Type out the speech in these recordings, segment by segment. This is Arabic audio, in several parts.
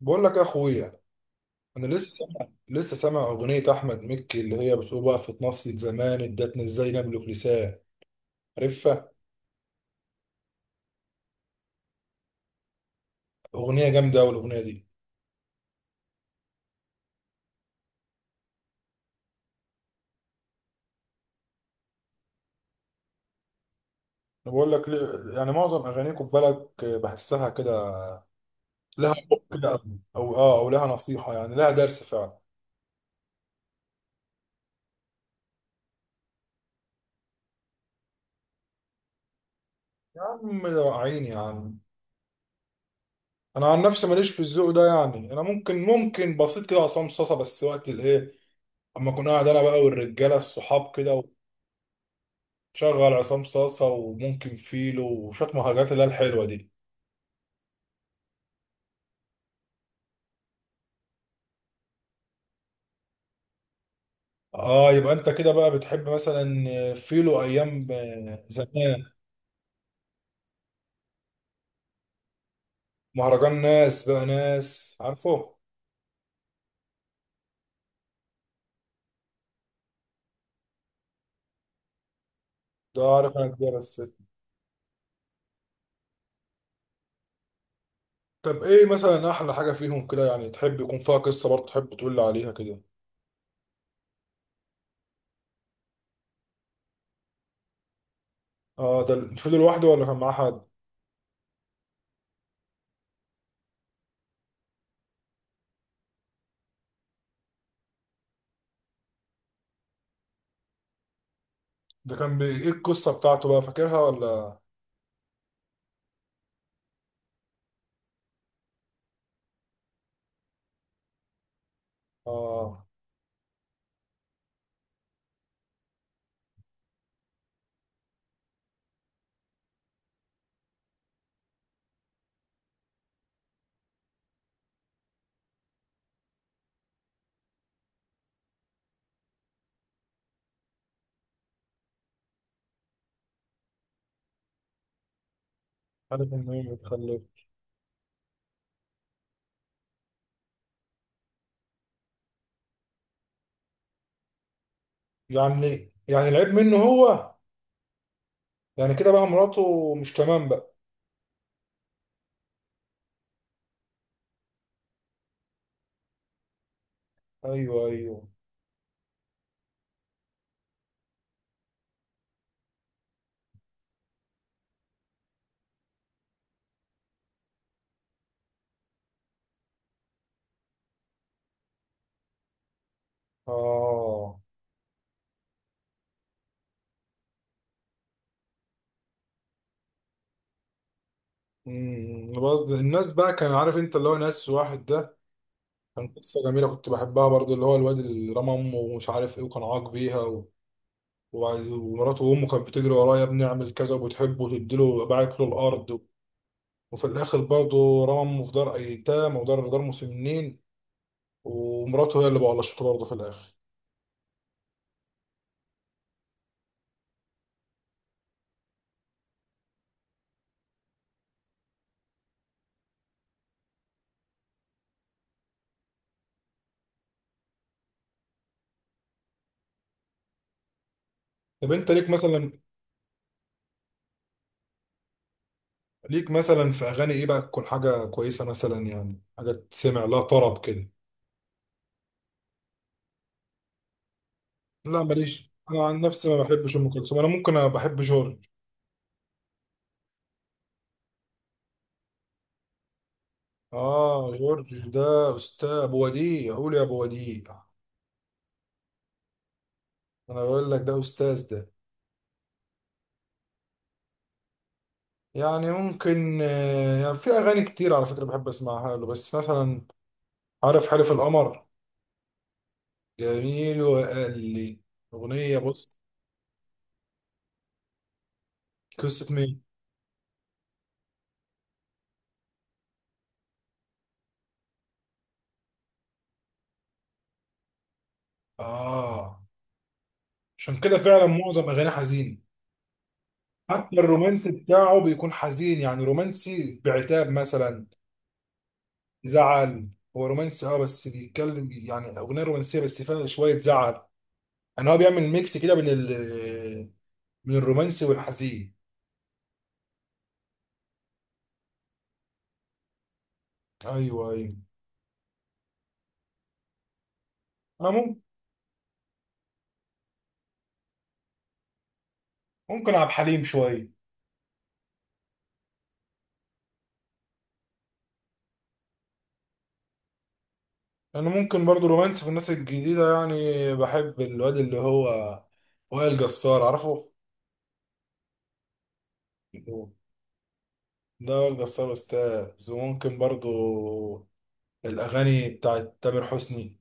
بقول لك يا اخويا، انا لسه سامع اغنيه احمد مكي اللي هي بتقول وقفت نصية زمان ادتنا ازاي نملك لسان. عارفها؟ اغنيه جامده قوي الاغنيه دي. انا بقول لك يعني معظم اغانيكم بالك بحسها كده، لها حب كده، او لها نصيحه، يعني لها درس فعلا. يا عم يا عيني يا عم، انا عن نفسي ماليش في الذوق ده. يعني انا ممكن، ممكن بسيط كده عصام صاصه بس وقت الايه، اما اكون قاعد انا بقى والرجاله الصحاب كده. شغل عصام صاصة وممكن فيلو وشوية مهرجانات اللي هي الحلوة دي. اه، يبقى انت كده بقى بتحب مثلا فيلو ايام زمان؟ مهرجان ناس بقى، ناس، عارفه؟ ده عارف انا كده بس. طب ايه مثلا احلى حاجة فيهم كده؟ يعني تحب يكون فيها قصة برضه، تحب تقول لي عليها كده. اه، ده فيلو لوحده ولا كان معاه حد؟ ده كان بي... ايه القصة بتاعته بقى، فاكرها ولا؟ اه. عارف انه ايه؟ متخلف. يعني يعني العيب منه هو؟ يعني كده بقى مراته مش تمام بقى. ايوه ايوه. اه. امم، بس الناس بقى كان عارف انت اللي هو ناس واحد ده؟ كان قصه جميله كنت بحبها برضو، اللي هو الواد اللي رمى امه ومش عارف ايه وكان عاق بيها و... ومراته وامه كانت بتجري وراه: يا ابني اعمل كذا، وبتحبه وتديله، باعت له الارض. وفي الاخر برضو رمى امه في دار ايتام ودار، دار مسنين. ومراته هي اللي بقلشته برضه في الاخر. طب انت ليك مثلا، ليك مثلا في اغاني ايه بقى تكون حاجه كويسه؟ مثلا يعني حاجه تسمع لها طرب كده. لا ماليش، انا عن نفسي ما بحبش ام كلثوم. انا ممكن، أنا بحب جورج. اه جورج ده استاذ، ابو وديع، قول يا ابو وديع. انا بقول لك ده استاذ ده. يعني ممكن، يعني في اغاني كتير على فكره بحب اسمعها له. بس مثلا عارف حلف القمر؟ جميل. وقال لي، اغنيه بص. قصه مين؟ اه، عشان كده فعلا معظم اغاني حزين. حتى الرومانسي بتاعه بيكون حزين، يعني رومانسي بعتاب مثلا، زعل. هو رومانسي اه بس بيتكلم، يعني اغنيه رومانسيه بس فيها شويه زعل. يعني هو بيعمل ميكس كده بين من الرومانسي والحزين. ايوه ايوه. انا ممكن، ممكن عبد الحليم شويه. انا ممكن برضو رومانسي في الناس الجديده، يعني بحب الواد اللي هو وائل جسار، عارفه؟ ده وائل جسار استاذ. وممكن برضو الاغاني بتاعت تامر حسني.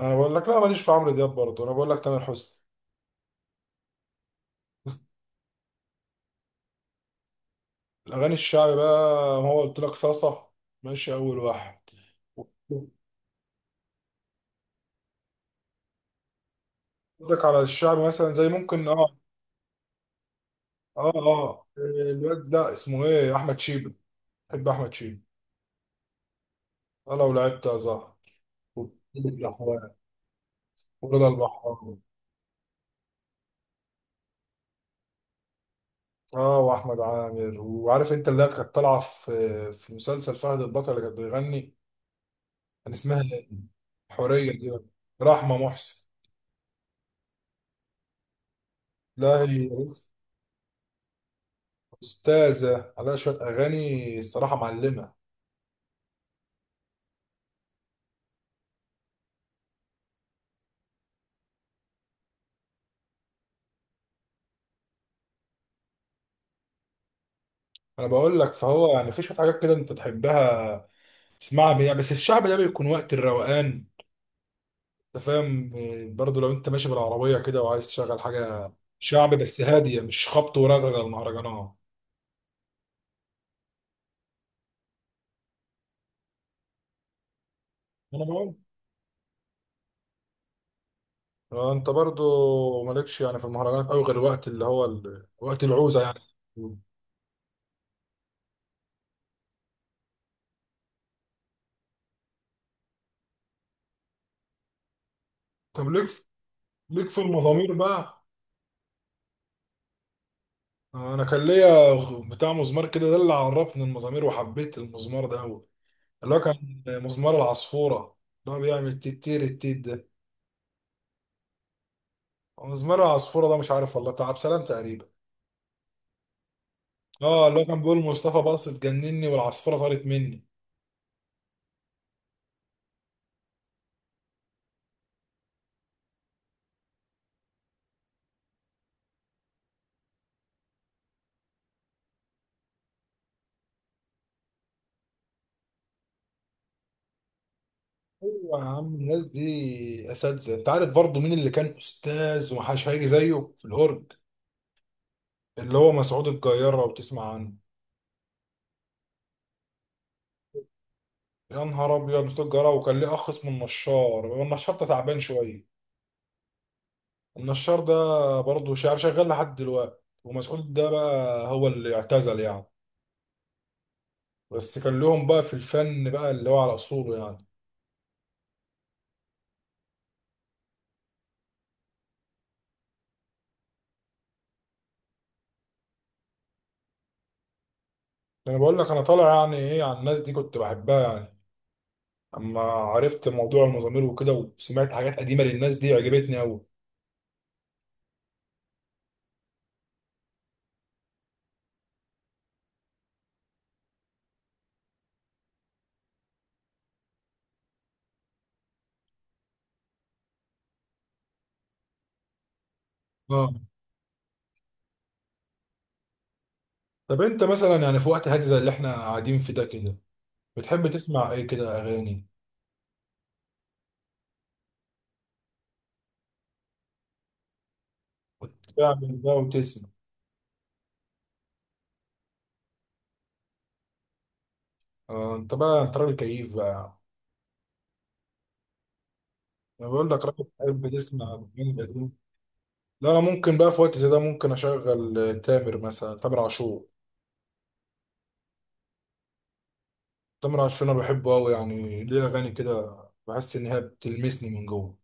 انا بقول لك لا ماليش في عمرو دياب برضو، انا بقول لك تامر حسني. الأغاني الشعبي بقى، هو قلت لك صاصة، ماشي أول واحد. قصدك على الشعبي مثلا زي ممكن اه. اه الواد، لا، اسمه ايه؟ أحمد شيبة. بحب أحمد شيبة. أنا لو لعبت أزهر وبيبي الأحوال، ورضا البحراوي. اه وأحمد عامر. وعارف أنت اللي كانت طالعة في مسلسل فهد البطل اللي كانت بيغني؟ كان اسمها إيه؟ حورية دي، رحمة محسن. لا هي أستاذة، عليها شوية أغاني الصراحة، معلمة. انا بقول لك فهو يعني في شويه حاجات كده انت تحبها تسمعها بيها، بس الشعب ده بيكون وقت الروقان. انت فاهم يعني؟ برضه لو انت ماشي بالعربيه كده وعايز تشغل حاجه، شعب بس هاديه، مش خبط ورزع زي المهرجانات. انا بقول انت برضه مالكش يعني في المهرجانات قوي غير وقت اللي هو ال... وقت العوزه يعني. طب ليك، ليك في المزامير بقى؟ انا كان ليا بتاع مزمار كده، ده اللي عرفني المزامير وحبيت المزمار ده قوي، اللي هو كان مزمار العصفوره، اللي هو بيعمل تيتير التيت. مزمار العصفورة ده مش عارف والله، بتاع عبد السلام تقريبا. اه اللي هو كان بيقول مصطفى باص اتجنني والعصفورة طارت مني. ايوه يا عم، الناس دي اساتذه. انت عارف برضه مين اللي كان استاذ ومحدش هيجي زيه في الهرج؟ اللي هو مسعود الجيار، لو تسمع عنه. يا نهار ابيض، مسعود الجيار وكان ليه اخ اسمه النشار. هو النشار ده تعبان شويه، النشار ده برضه شعر شغال لحد دلوقتي. ومسعود ده بقى هو اللي اعتزل يعني، بس كان لهم بقى في الفن بقى اللي هو على اصوله يعني. انا بقول لك انا طالع يعني ايه على الناس دي كنت بحبها يعني، اما عرفت موضوع المزامير وكده وسمعت حاجات قديمه للناس دي عجبتني قوي. اه. طب انت مثلا يعني في وقت هادي زي اللي احنا قاعدين في ده كده بتحب تسمع ايه كده اغاني؟ وتعمل ده وتسمع. آه، انت بقى انت راجل كيف بقى. انا بقول لك راجل بتحب تسمع اغاني قديمه. لا انا ممكن بقى في وقت زي ده ممكن اشغل تامر مثلا، تامر عاشور. تامر عاشور انا بحبه قوي، يعني ليه اغاني كده بحس ان هي بتلمسني من جوه.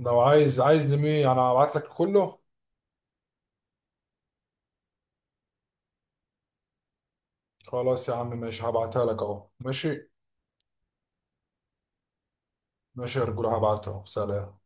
لو عايز، عايز لمين انا هبعت لك كله. خلاص يا عم ماشي، هبعتها لك اهو، ماشي. ماشي يا رجولة، هبعتها اهو. سلام.